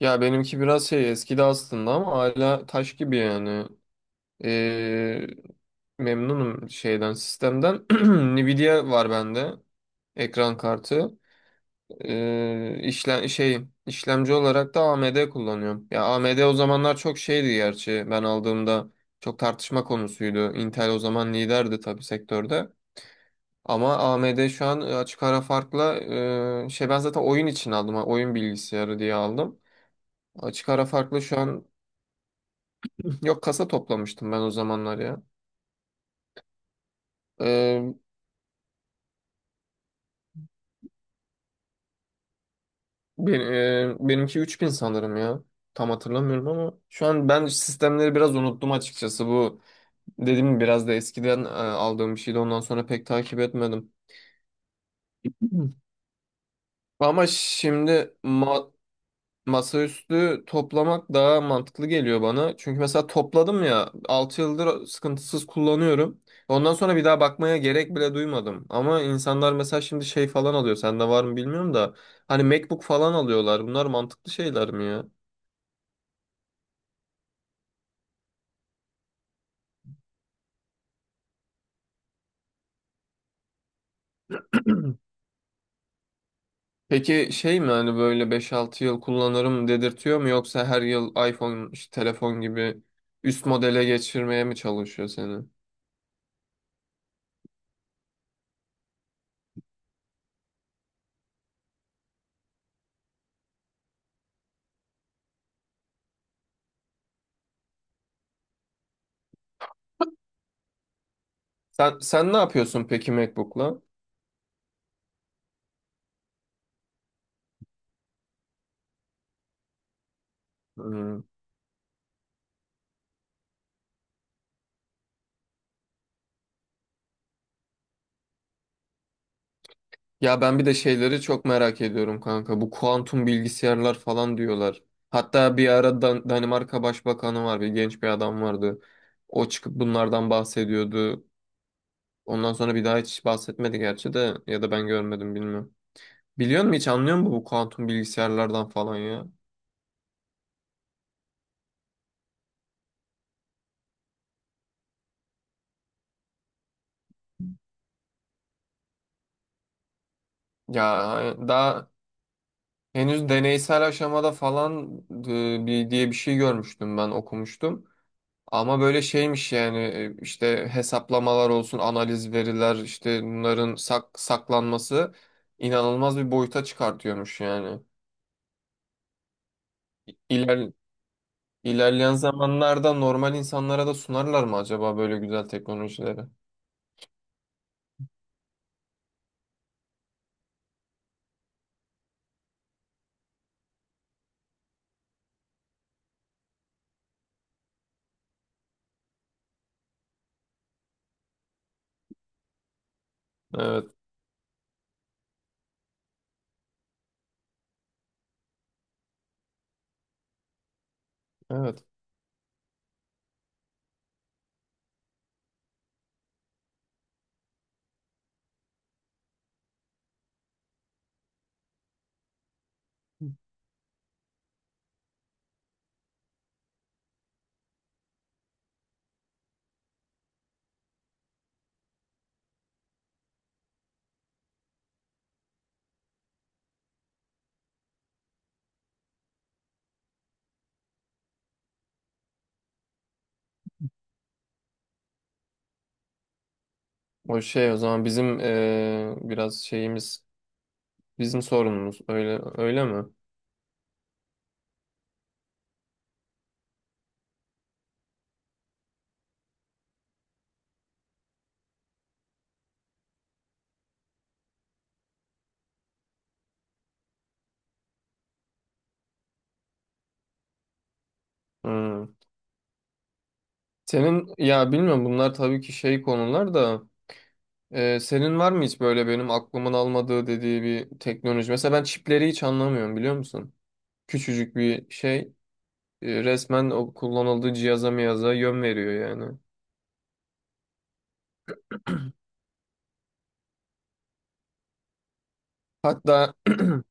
Ya benimki biraz şey eskidi aslında ama hala taş gibi yani. Ee, memnunum şeyden sistemden. Nvidia var bende. Ekran kartı. İşlemci olarak da AMD kullanıyorum. Ya AMD o zamanlar çok şeydi gerçi. Ben aldığımda çok tartışma konusuydu. Intel o zaman liderdi tabii sektörde. Ama AMD şu an açık ara farkla, ben zaten oyun için aldım. Ha, Oyun bilgisayarı diye aldım. Açık ara farklı şu an. Yok, kasa toplamıştım ben o zamanlar ya. Ee, benimki 3000 sanırım ya. Tam hatırlamıyorum ama şu an ben sistemleri biraz unuttum açıkçası. Bu, dediğim gibi, biraz da eskiden aldığım bir şeydi. Ondan sonra pek takip etmedim. Hı. Ama şimdi masaüstü toplamak daha mantıklı geliyor bana. Çünkü mesela topladım ya, 6 yıldır sıkıntısız kullanıyorum. Ondan sonra bir daha bakmaya gerek bile duymadım. Ama insanlar mesela şimdi şey falan alıyor. Sende var mı bilmiyorum da. Hani MacBook falan alıyorlar. Bunlar mantıklı şeyler mi ya? Peki şey mi, hani böyle 5-6 yıl kullanırım dedirtiyor mu, yoksa her yıl iPhone işte telefon gibi üst modele geçirmeye mi çalışıyor seni? Sen ne yapıyorsun peki MacBook'la? Hmm. Ya ben bir de şeyleri çok merak ediyorum kanka. Bu kuantum bilgisayarlar falan diyorlar. Hatta bir ara Danimarka Başbakanı var, bir genç bir adam vardı. O çıkıp bunlardan bahsediyordu. Ondan sonra bir daha hiç bahsetmedi gerçi, de ya da ben görmedim, bilmiyorum. Biliyor musun, hiç anlıyor musun bu kuantum bilgisayarlardan falan ya? Ya daha henüz deneysel aşamada falan bir diye bir şey görmüştüm, ben okumuştum. Ama böyle şeymiş yani, işte hesaplamalar olsun, analiz veriler, işte bunların saklanması inanılmaz bir boyuta çıkartıyormuş yani. İler ilerleyen zamanlarda normal insanlara da sunarlar mı acaba böyle güzel teknolojileri? Evet, evet. O şey, o zaman bizim biraz şeyimiz, bizim sorunumuz öyle öyle mi? Hmm. Senin, ya bilmiyorum, bunlar tabii ki şey konular da. Senin var mı hiç böyle benim aklımın almadığı dediği bir teknoloji? Mesela ben çipleri hiç anlamıyorum, biliyor musun? Küçücük bir şey, resmen o kullanıldığı cihaza miyaza yön veriyor yani. Hatta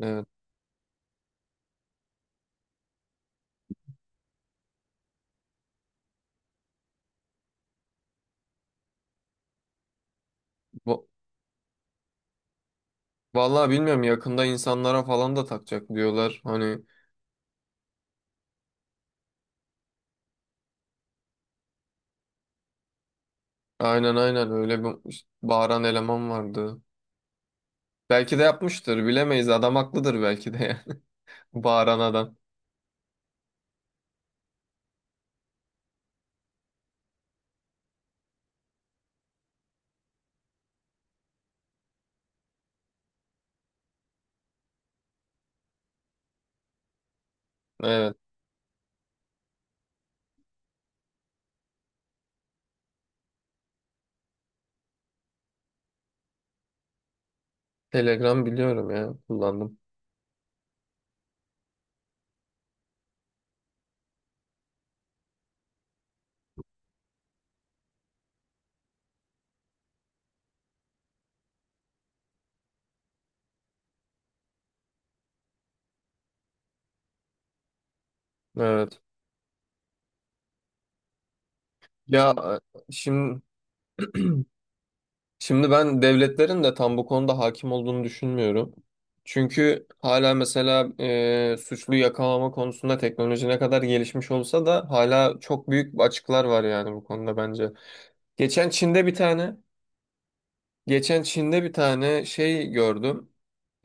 evet, bu- vallahi bilmiyorum, yakında insanlara falan da takacak diyorlar. Hani aynen aynen öyle bir bağıran eleman vardı. Belki de yapmıştır, bilemeyiz, adam haklıdır belki de yani. Bağıran adam. Evet. Telegram biliyorum ya, kullandım. Evet. Ya, Şimdi Şimdi ben devletlerin de tam bu konuda hakim olduğunu düşünmüyorum. Çünkü hala mesela suçlu yakalama konusunda teknoloji ne kadar gelişmiş olsa da hala çok büyük açıklar var yani bu konuda bence. Geçen Çin'de bir tane, Geçen Çin'de bir tane şey gördüm.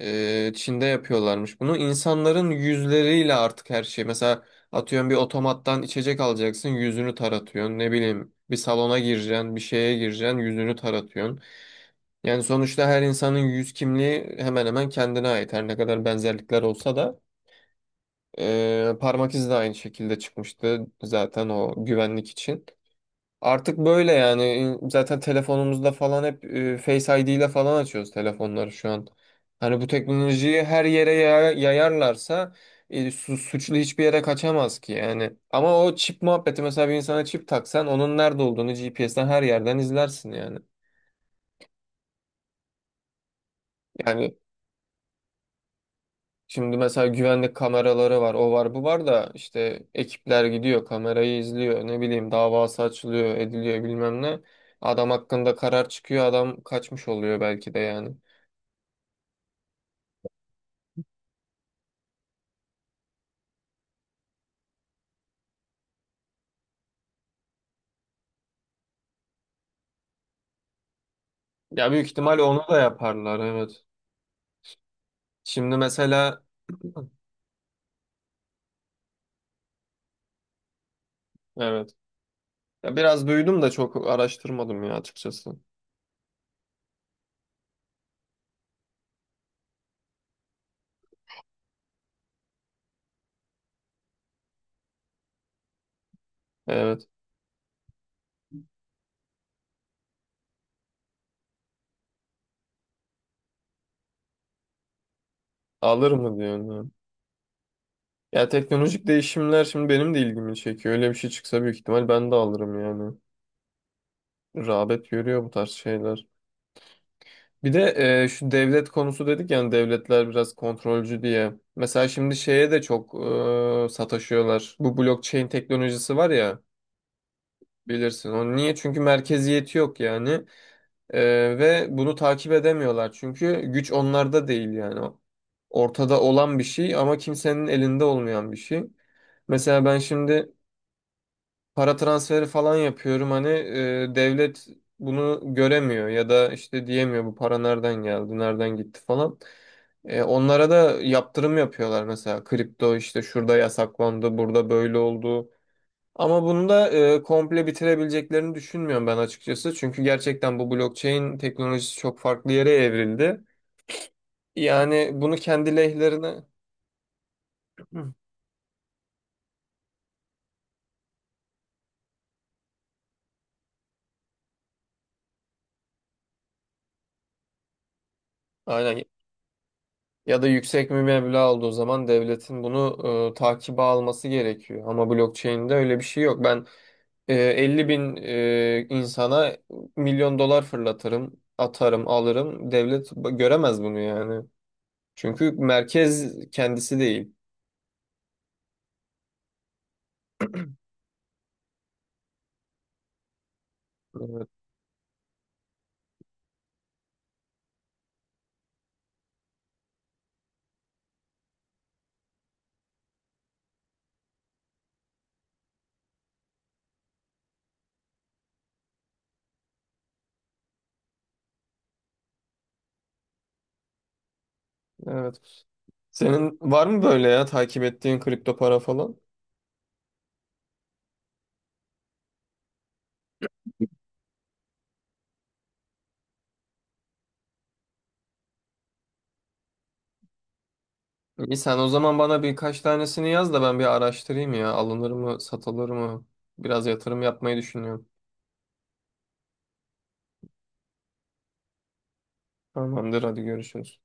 Çin'de yapıyorlarmış bunu. İnsanların yüzleriyle artık her şey. Mesela atıyorum, bir otomattan içecek alacaksın, yüzünü taratıyorsun. Ne bileyim, bir salona gireceksin, bir şeye gireceksin, yüzünü taratıyorsun. Yani sonuçta her insanın yüz kimliği hemen hemen kendine ait. Her ne kadar benzerlikler olsa da parmak izi de aynı şekilde çıkmıştı zaten o güvenlik için. Artık böyle yani, zaten telefonumuzda falan hep Face ID ile falan açıyoruz telefonları şu an. Hani bu teknolojiyi her yere yayarlarsa, suçlu hiçbir yere kaçamaz ki yani. Ama o çip muhabbeti, mesela bir insana çip taksan onun nerede olduğunu GPS'ten her yerden izlersin yani. Yani, şimdi mesela güvenlik kameraları var, o var, bu var da işte ekipler gidiyor, kamerayı izliyor, ne bileyim davası açılıyor, ediliyor, bilmem ne. Adam hakkında karar çıkıyor, adam kaçmış oluyor belki de yani. Ya, büyük ihtimal onu da yaparlar, evet. Şimdi mesela, evet. Ya, biraz duydum da çok araştırmadım ya açıkçası. Evet. Alır mı diyorsun, yani? Ya teknolojik değişimler şimdi benim de ilgimi çekiyor. Öyle bir şey çıksa büyük ihtimal ben de alırım yani. Rağbet görüyor bu tarz şeyler. Bir de şu devlet konusu dedik yani, devletler biraz kontrolcü diye. Mesela şimdi şeye de çok sataşıyorlar. Bu blockchain teknolojisi var ya, bilirsin. Onu niye? Çünkü merkeziyeti yok yani. E, Ve bunu takip edemiyorlar. Çünkü güç onlarda değil yani. Ortada olan bir şey ama kimsenin elinde olmayan bir şey. Mesela ben şimdi para transferi falan yapıyorum, hani devlet bunu göremiyor ya da işte diyemiyor bu para nereden geldi, nereden gitti falan. Onlara da yaptırım yapıyorlar, mesela kripto işte şurada yasaklandı, burada böyle oldu. Ama bunu da komple bitirebileceklerini düşünmüyorum ben açıkçası. Çünkü gerçekten bu blockchain teknolojisi çok farklı yere evrildi. Yani bunu kendi lehlerine. Hı. Aynen. Ya da yüksek bir meblağ olduğu zaman devletin bunu takibe alması gerekiyor. Ama blockchain'de öyle bir şey yok. Ben 50 bin insana milyon dolar fırlatırım, atarım, alırım. Devlet göremez bunu yani. Çünkü merkez kendisi değil. Evet, evet. Senin var mı böyle ya takip ettiğin kripto para falan? İyi, sen o zaman bana birkaç tanesini yaz da ben bir araştırayım ya. Alınır mı, satılır mı? Biraz yatırım yapmayı düşünüyorum. Tamamdır, hadi görüşürüz.